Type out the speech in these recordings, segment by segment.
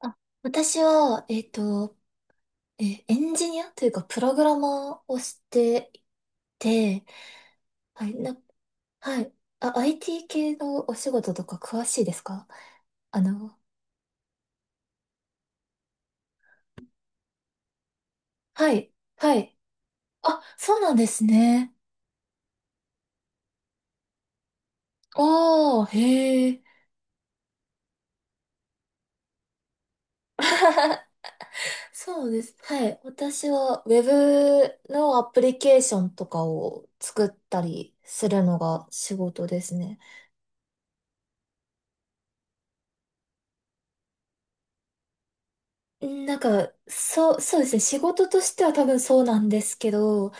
あ、私は、エンジニアというか、プログラマーをしていて、はい、はい。あ、IT 系のお仕事とか詳しいですか？あの、はい、はい。あ、そうなんですね。ああ、へえ。そうです。はい。私は Web のアプリケーションとかを作ったりするのが仕事ですね。なんか、そうですね。仕事としては多分そうなんですけど、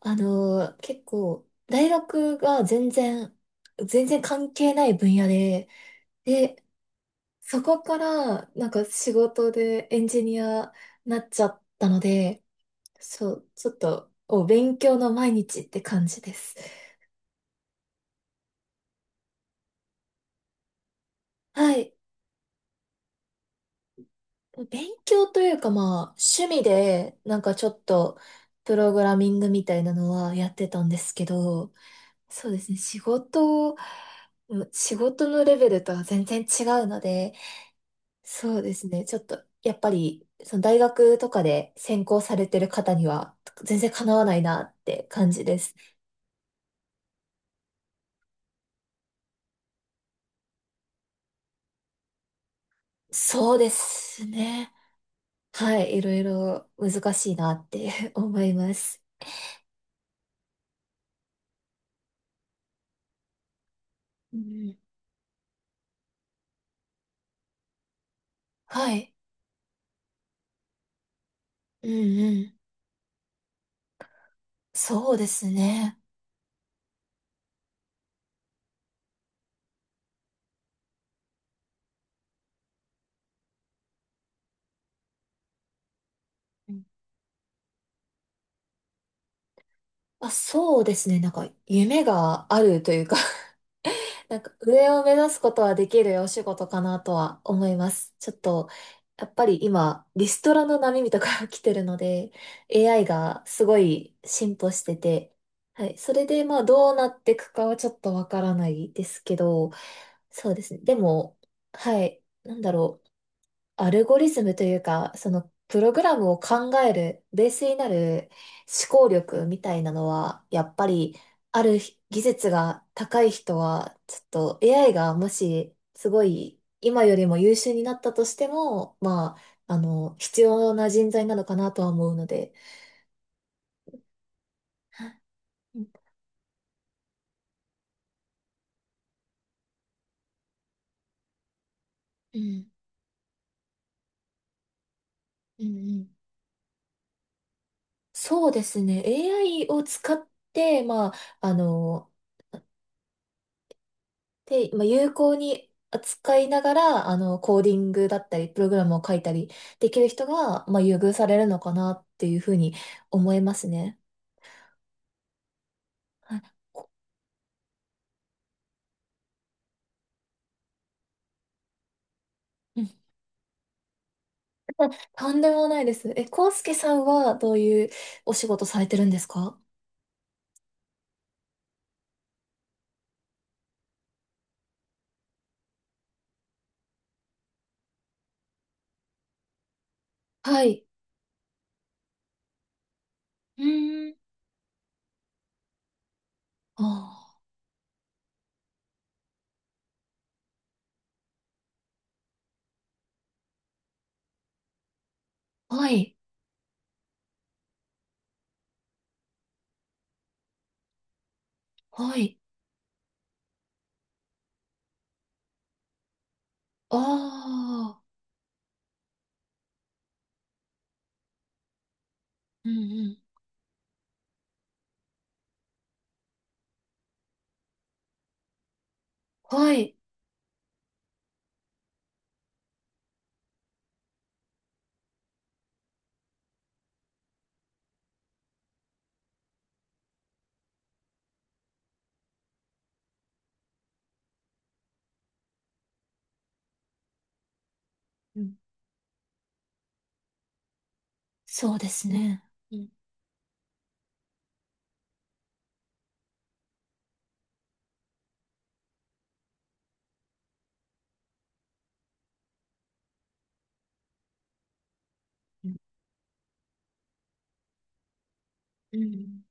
結構、大学が全然関係ない分野で、で、そこから、なんか仕事でエンジニアになっちゃったので、そう、ちょっと、勉強の毎日って感じです。はい。勉強というかまあ、趣味で、なんかちょっと、プログラミングみたいなのはやってたんですけど、そうですね。仕事のレベルとは全然違うので、そうですね。ちょっと、やっぱり、その大学とかで専攻されてる方には、全然かなわないなって感じです。そうですね。はい。いろいろ難しいなって 思います。うん、はい。うんうん。そうですね。うん。あ、そうですね。なんか、夢があるというか、なんか上を目指すことはできるお仕事かなとは思います。ちょっと、やっぱり今、リストラの波とか 来てるので、AI がすごい進歩してて、はい。それで、まあ、どうなっていくかはちょっとわからないですけど、そうですね。でも、はい。なんだろう。アルゴリズムというか、そのプログラムを考えるベースになる思考力みたいなのは、やっぱりある技術が高い人は、ちょっと AI がもしすごい今よりも優秀になったとしても、まあ、必要な人材なのかなとは思うので。うんうんうんうん。そうですね。AI を使って、まあ、あの、まあ、有効に扱いながら、コーディングだったり、プログラムを書いたりできる人が、まあ、優遇されるのかなっていうふうに思いますね。はい。こうん。 とんでもないです。コウスケさんはどういうお仕事されてるんですか？はい。うーん、ああ、はい、はい。ああ、うん、ん。はい。うん、そうですね。うん、うん、うん、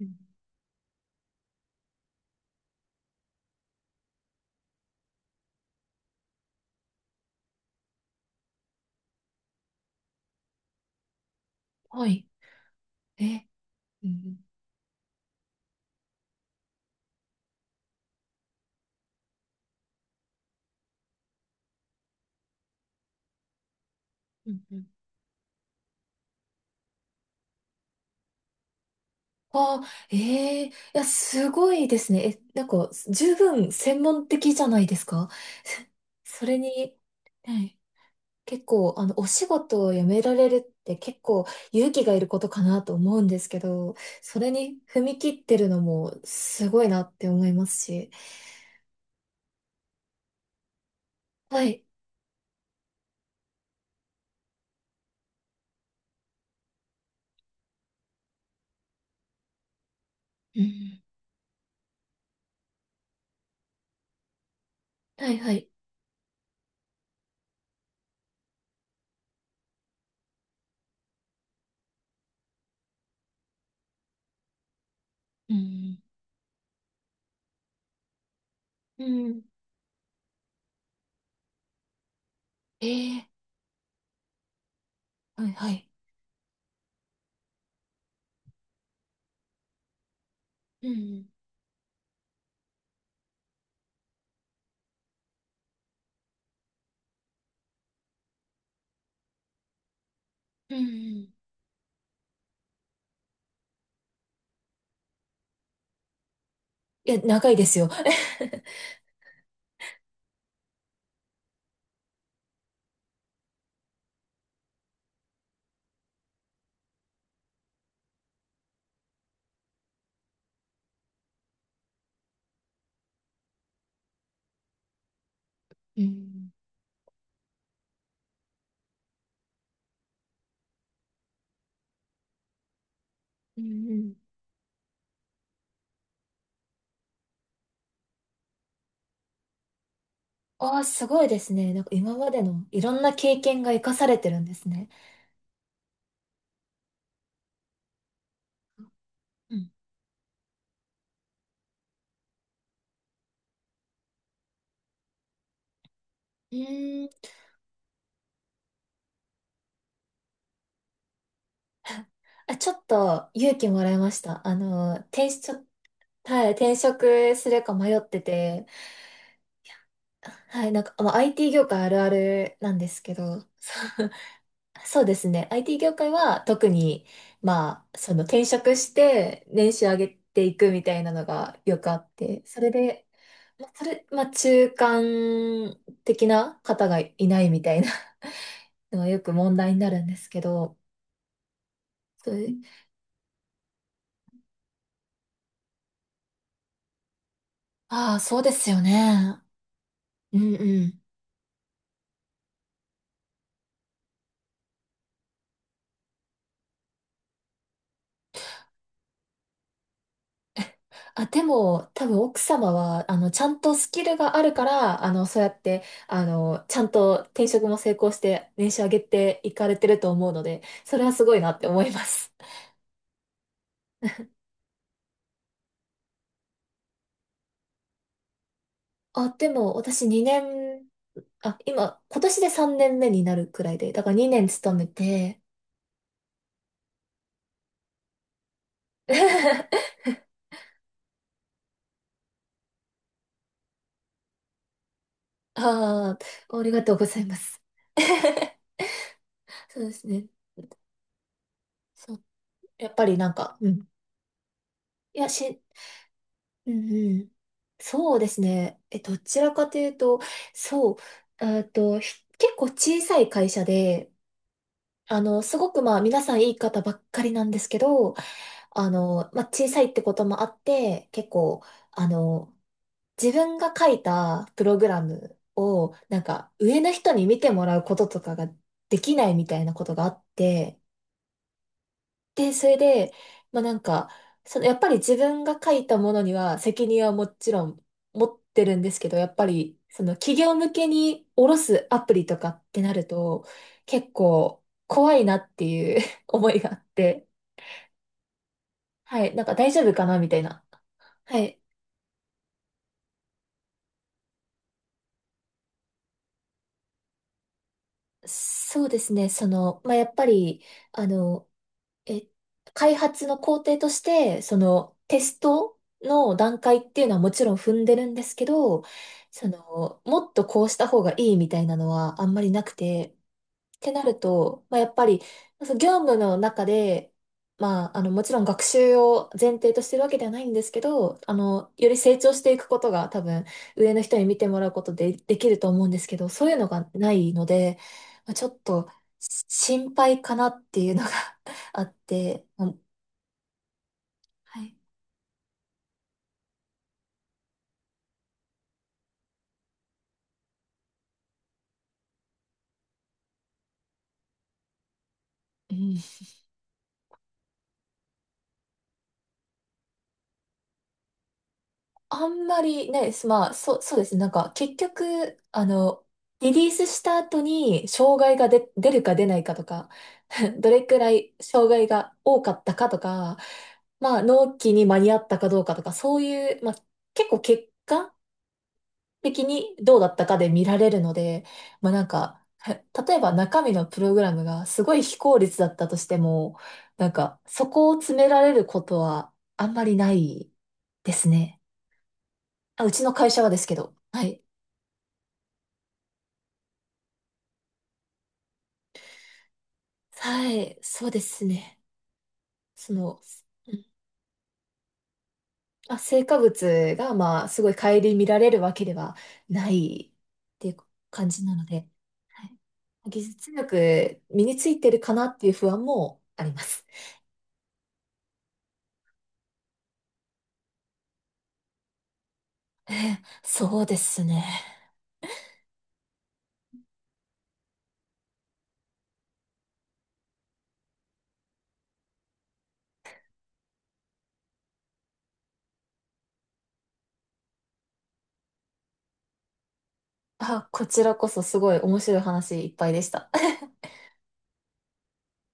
うん、はい。え、うん、うん、うんうん。ああ、ええ、いや、すごいですね。なんか、十分専門的じゃないですか？ それに、はい、結構、お仕事を辞められるって結構勇気がいることかなと思うんですけど、それに踏み切ってるのもすごいなって思いますし。はい。うん、はい、はい。うん、うん。ええ、はい、はい。うん、うん、いや、長いですよ。うん、うん、うん。ああ、すごいですね。なんか今までのいろんな経験が活かされてるんですね。うん。うーん。あ、ちょっと勇気もらいました。転職するか迷ってて、はい、なんか、まあ、IT 業界あるあるなんですけど、そうですね。IT 業界は特に、まあ、その転職して年収上げていくみたいなのがよくあって、それで、まあ、中間的な方がいないみたいなのがよく問題になるんですけど、それああ、そうですよね。うんうん。あ、でも、多分奥様は、ちゃんとスキルがあるから、そうやって、ちゃんと転職も成功して、年収上げていかれてると思うので、それはすごいなって思います。あ、でも、私2年、今、年で3年目になるくらいで、だから2年勤めて、ああ、ありがとうございます。そうですね。そう、やっぱりなんか、うん。いや、うんうん。そうですね。どちらかというと、そう、結構小さい会社で、すごくまあ皆さんいい方ばっかりなんですけど、まあ小さいってこともあって、結構、あの、自分が書いたプログラムを、なんか上の人に見てもらうこととかができないみたいなことがあって、それで、まあなんか、そのやっぱり自分が書いたものには責任はもちろん持ってるんですけど、やっぱりその企業向けに下ろすアプリとかってなると、結構怖いなっていう 思いがあって、はい、なんか大丈夫かなみたいな。はい。そうですね、その、まあやっぱり、あの、え、開発の工程として、そのテストの段階っていうのはもちろん踏んでるんですけど、その、もっとこうした方がいいみたいなのはあんまりなくて、ってなると、まあ、やっぱり、その業務の中で、まあ、もちろん学習を前提としてるわけではないんですけど、より成長していくことが多分、上の人に見てもらうことでできると思うんですけど、そういうのがないので、まあ、ちょっと、心配かなっていうのが あって、うん、はい。うん。あんまりね、まあ、そうですね。なんか、結局、リリースした後に、障害が出るか出ないかとか、どれくらい障害が多かったかとか、まあ、納期に間に合ったかどうかとか、そういう、まあ、結構結果的にどうだったかで見られるので、まあなんか、例えば中身のプログラムがすごい非効率だったとしても、なんか、そこを詰められることはあんまりないですね。あ、うちの会社はですけど。はい。はい、そうですね。その、うんあ、成果物が、まあ、すごい顧みられるわけではないっていう感じなので、はい、技術力身についてるかなっていう不安もあります。そうですね。あ、こちらこそすごい面白い話いっぱいでした。